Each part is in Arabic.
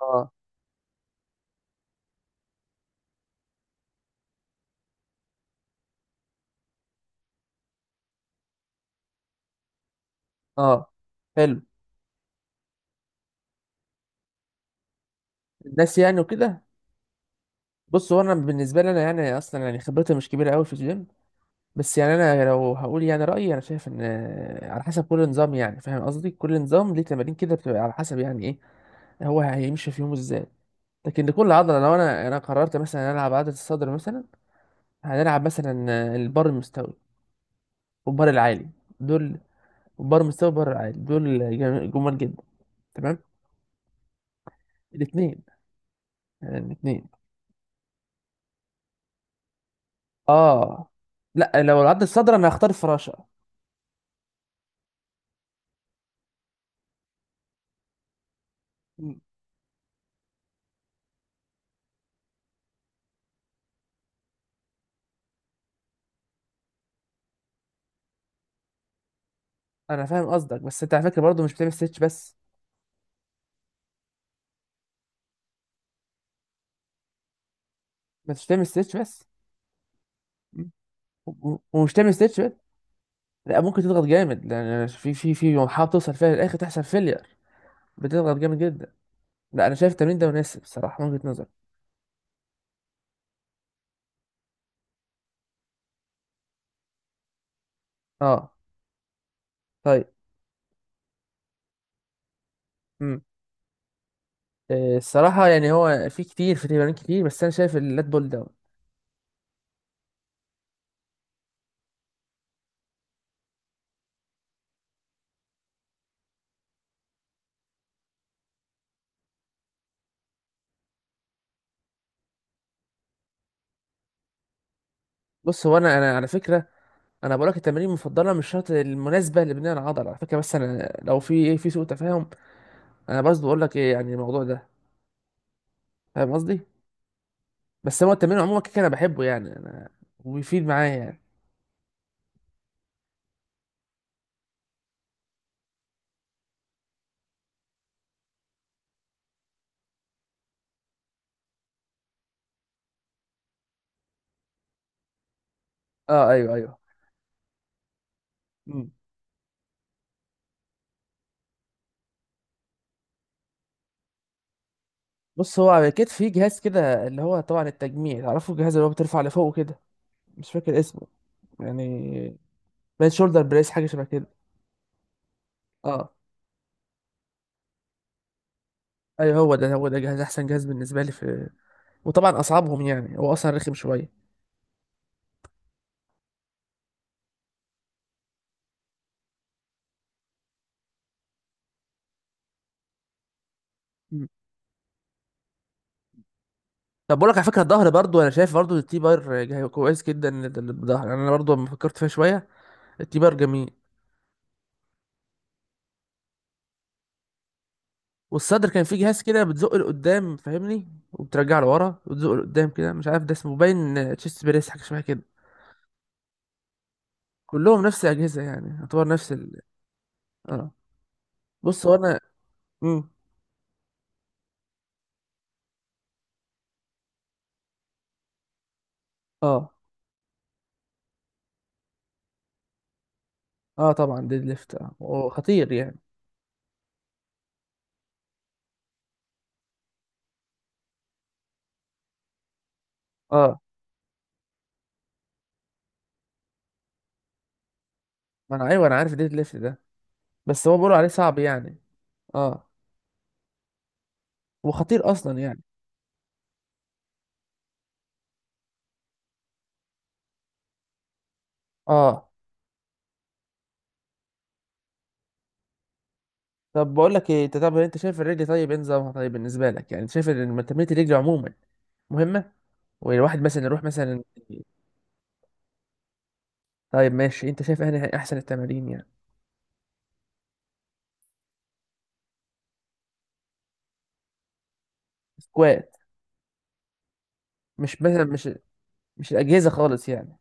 اه. اه. حلو. الناس يعني وكده. بص، هو انا بالنسبه لي انا يعني اصلا يعني خبرتي مش كبيره قوي في الجيم. بس يعني انا لو هقول يعني رايي، انا شايف ان على حسب كل نظام، يعني فاهم قصدي، كل نظام ليه تمارين كده، بتبقى على حسب يعني ايه هو هيمشي في يومه ازاي. لكن لكل عضله، لو انا قررت مثلا العب عضله الصدر مثلا هنلعب مثلا البار المستوي والبار العالي دول. البار المستوي والبار العالي دول جمال جدا. تمام. الاثنين. الاثنين. اه. لا، لو العض الصدر انا هختار الفراشه. م. انا فاهم قصدك، بس انت على فكره برضه مش بتعمل ستيتش بس. ما انتش بتعمل ستيتش بس. م. ومش تعمل ستيتش بس. لا، ممكن تضغط جامد لان في في محاولة توصل فيها للاخر تحصل فيلير. بتضغط جامد جدا. لا انا شايف التمرين ده مناسب الصراحه من وجهه نظري. اه. طيب. امم الصراحه يعني هو في كتير، في تمارين كتير، بس انا شايف اللات بول داون. بص هو انا على فكره، انا بقول لك التمارين المفضله مش شرط المناسبه لبناء العضله على فكره. بس انا لو في في سوء تفاهم، انا بس بقول لك ايه يعني الموضوع ده، فاهم قصدي. بس هو التمرين عموما كده انا بحبه يعني انا، وبيفيد معايا يعني. اه ايوه ايوه. مم. بص، هو على كتف في جهاز كده اللي هو طبعا التجميع، تعرفه الجهاز اللي هو بترفع لفوق كده. مش فاكر اسمه يعني، بين شولدر بريس حاجه شبه كده. اه ايوه، هو ده جهاز احسن جهاز بالنسبه لي في. وطبعا اصعبهم يعني، هو اصلا رخم شويه. مم. طب بقول لك على فكره، الظهر برضو انا شايف برضو التي بار كويس جدا للظهر. يعني انا برضو لما فكرت فيها شويه، التي بار جميل. والصدر كان فيه جهاز كده بتزق لقدام فاهمني، وبترجع لورا وتزق لقدام كده، مش عارف ده اسمه باين تشيست بريس حاجه شبه كده. كلهم نفس الاجهزه يعني، يعتبر نفس ال اه. بص هو انا. امم اه. اه طبعا، ديد ليفت اه هو خطير يعني. اه ما انا ايوه انا عارف ديد ليفت ده. بس هو بيقولوا عليه صعب يعني. اه. وخطير اصلا يعني. اه. طب بقول لك ايه، انت طب انت شايف الرجل طيب ايه نظامها طيب بالنسبه لك؟ يعني أنت شايف ان تمرينه الرجل عموما مهمه، والواحد مثلا يروح مثلا. طيب ماشي، انت شايف ايه احسن التمارين يعني؟ سكوات. مش مش الاجهزه خالص يعني؟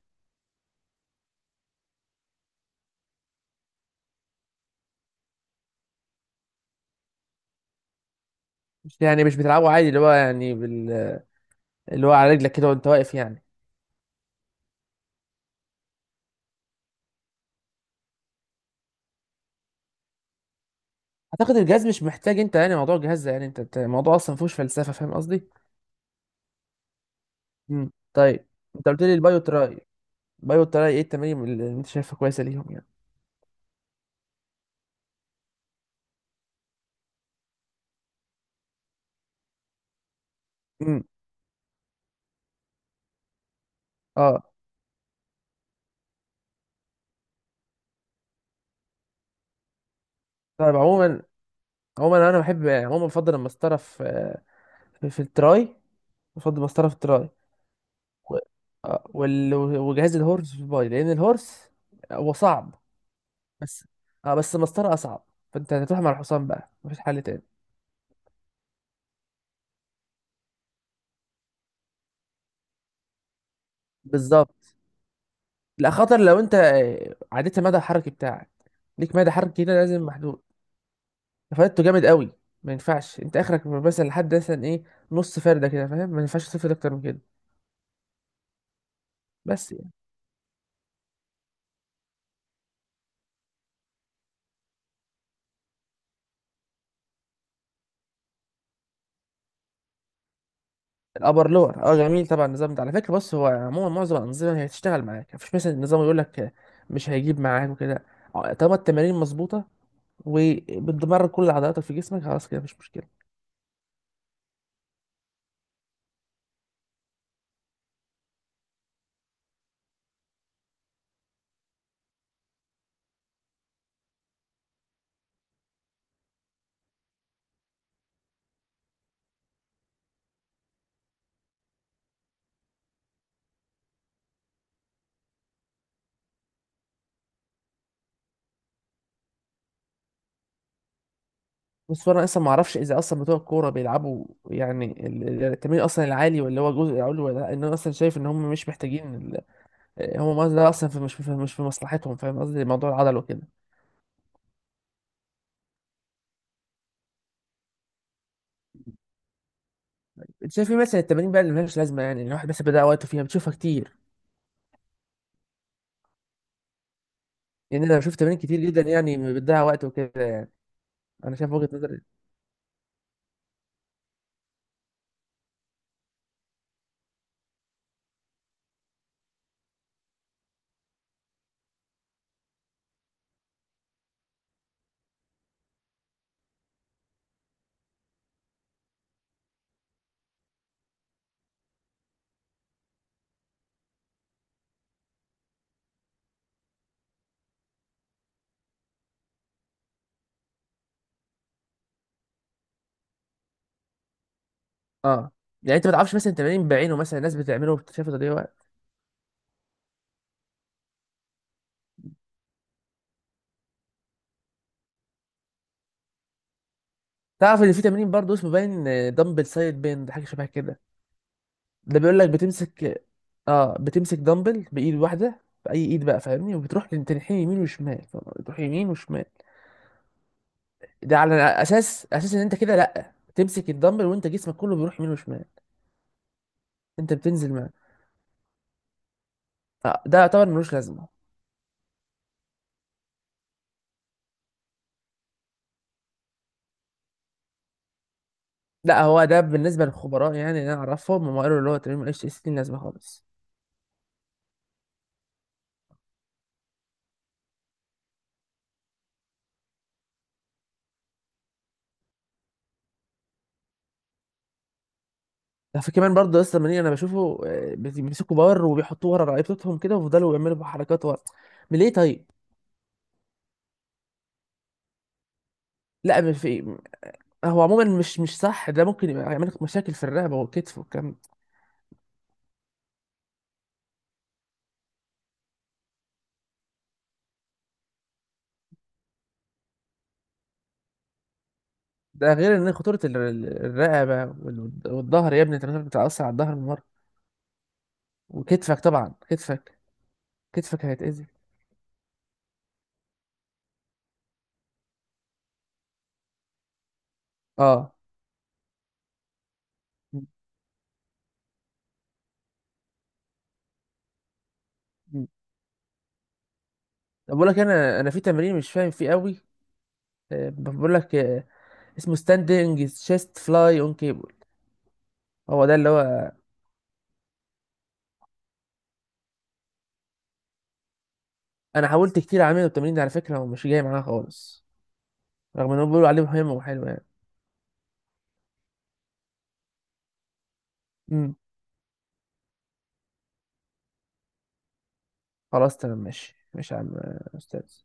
مش يعني مش بتلعبه عادي اللي هو يعني بال... اللي هو على رجلك كده وانت واقف يعني. اعتقد الجهاز مش محتاج، انت يعني موضوع الجهاز ده يعني، انت الموضوع اصلا ما فيهوش فلسفه فاهم قصدي. طيب. انت قلت لي البايو تراي. البايو تراي ايه التمارين اللي انت شايفها كويسه ليهم يعني؟ امم اه. طيب عموما، عموما انا بحب يعني، عموما بفضل المسطره في في التراي. بفضل المسطره في التراي. و- وجهاز الهورس في الباي، لان الهورس هو صعب. بس اه، بس المسطره اصعب. فانت هتروح مع الحصان بقى، مفيش حل تاني. بالظبط. لا، خطر لو انت عديت المدى الحركي بتاعك. ليك مدى حركي كده لازم محدود. فايدته جامد قوي. ما ينفعش انت اخرك مثلا لحد مثلا ايه، نص فرده كده فاهم، ما ينفعش تفرد اكتر من كده. بس يعني. الابر لور اه جميل طبعا، النظام ده على فكره. بص هو عموما معظم الانظمه هي هتشتغل معاك، مفيش مثلا نظام يقول لك مش هيجيب معاك وكده. طالما التمارين مظبوطه وبتدمر كل عضلاتك في جسمك، خلاص كده مفيش مشكله. بس انا اصلا ما اعرفش اذا اصلا بتوع الكوره بيلعبوا يعني التمرين اصلا العالي ولا هو جزء علوي ولا لا. ان انا اصلا شايف ان هم مش محتاجين ال هم ده اصلا في مش في مش في مصلحتهم فاهم قصدي، موضوع العضل وكده. انت شايف ايه مثلا التمارين بقى اللي ملهاش لازمه، يعني إن الواحد بس بيضيع وقته فيها، بتشوفها كتير؟ يعني انا بشوف تمارين كتير جدا يعني بتضيع وقت وكده يعني. انا شايف وجهه نظري. اه. يعني انت ما تعرفش مثلا تمارين بعينه مثلا الناس بتعمله وبتشوفه تضييع وقت؟ تعرف ان في تمرين برضه اسمه باين، دمبل سايد بين حاجه شبه كده. ده بيقول لك بتمسك، اه بتمسك دمبل بايد واحده باي ايد بقى فاهمني، وبتروح تنحني يمين وشمال. بتروح يمين وشمال. ده على اساس ان انت كده لا، تمسك الدمبل وانت جسمك كله بيروح يمين وشمال. انت بتنزل معاه. آه ده يعتبر ملوش لازمه. لا هو ده بالنسبه للخبراء، يعني اللي انا اعرفهم هم قالوا اللي هو تمرين ملوش اي لازمه خالص. ده في كمان برضه لسه منين انا بشوفه بيمسكوا بار وبيحطوه ورا رقبتهم كده ويفضلوا يعملوا حركات ورا، من ليه طيب؟ لا مش في. هو عموما مش صح، ده ممكن يبقى يعمل لك مشاكل في الرقبه والكتف والكم. ده غير ان خطوره الرقبه والظهر يا ابني، انت مش بتتاثر على الظهر من مره. وكتفك طبعا، كتفك كتفك هيتاذي. اه. م- م. طب بقول لك، انا في تمرين مش فاهم فيه قوي. بقول لك اسمه ستاندنج تشيست فلاي اون كيبل. هو ده اللي هو. انا حاولت كتير اعمله التمرين ده على فكره ومش جاي معايا خالص، رغم انهم بيقولوا عليه مهم وحلو يعني. امم خلاص تمام ماشي ماشي يا عم، استاذ.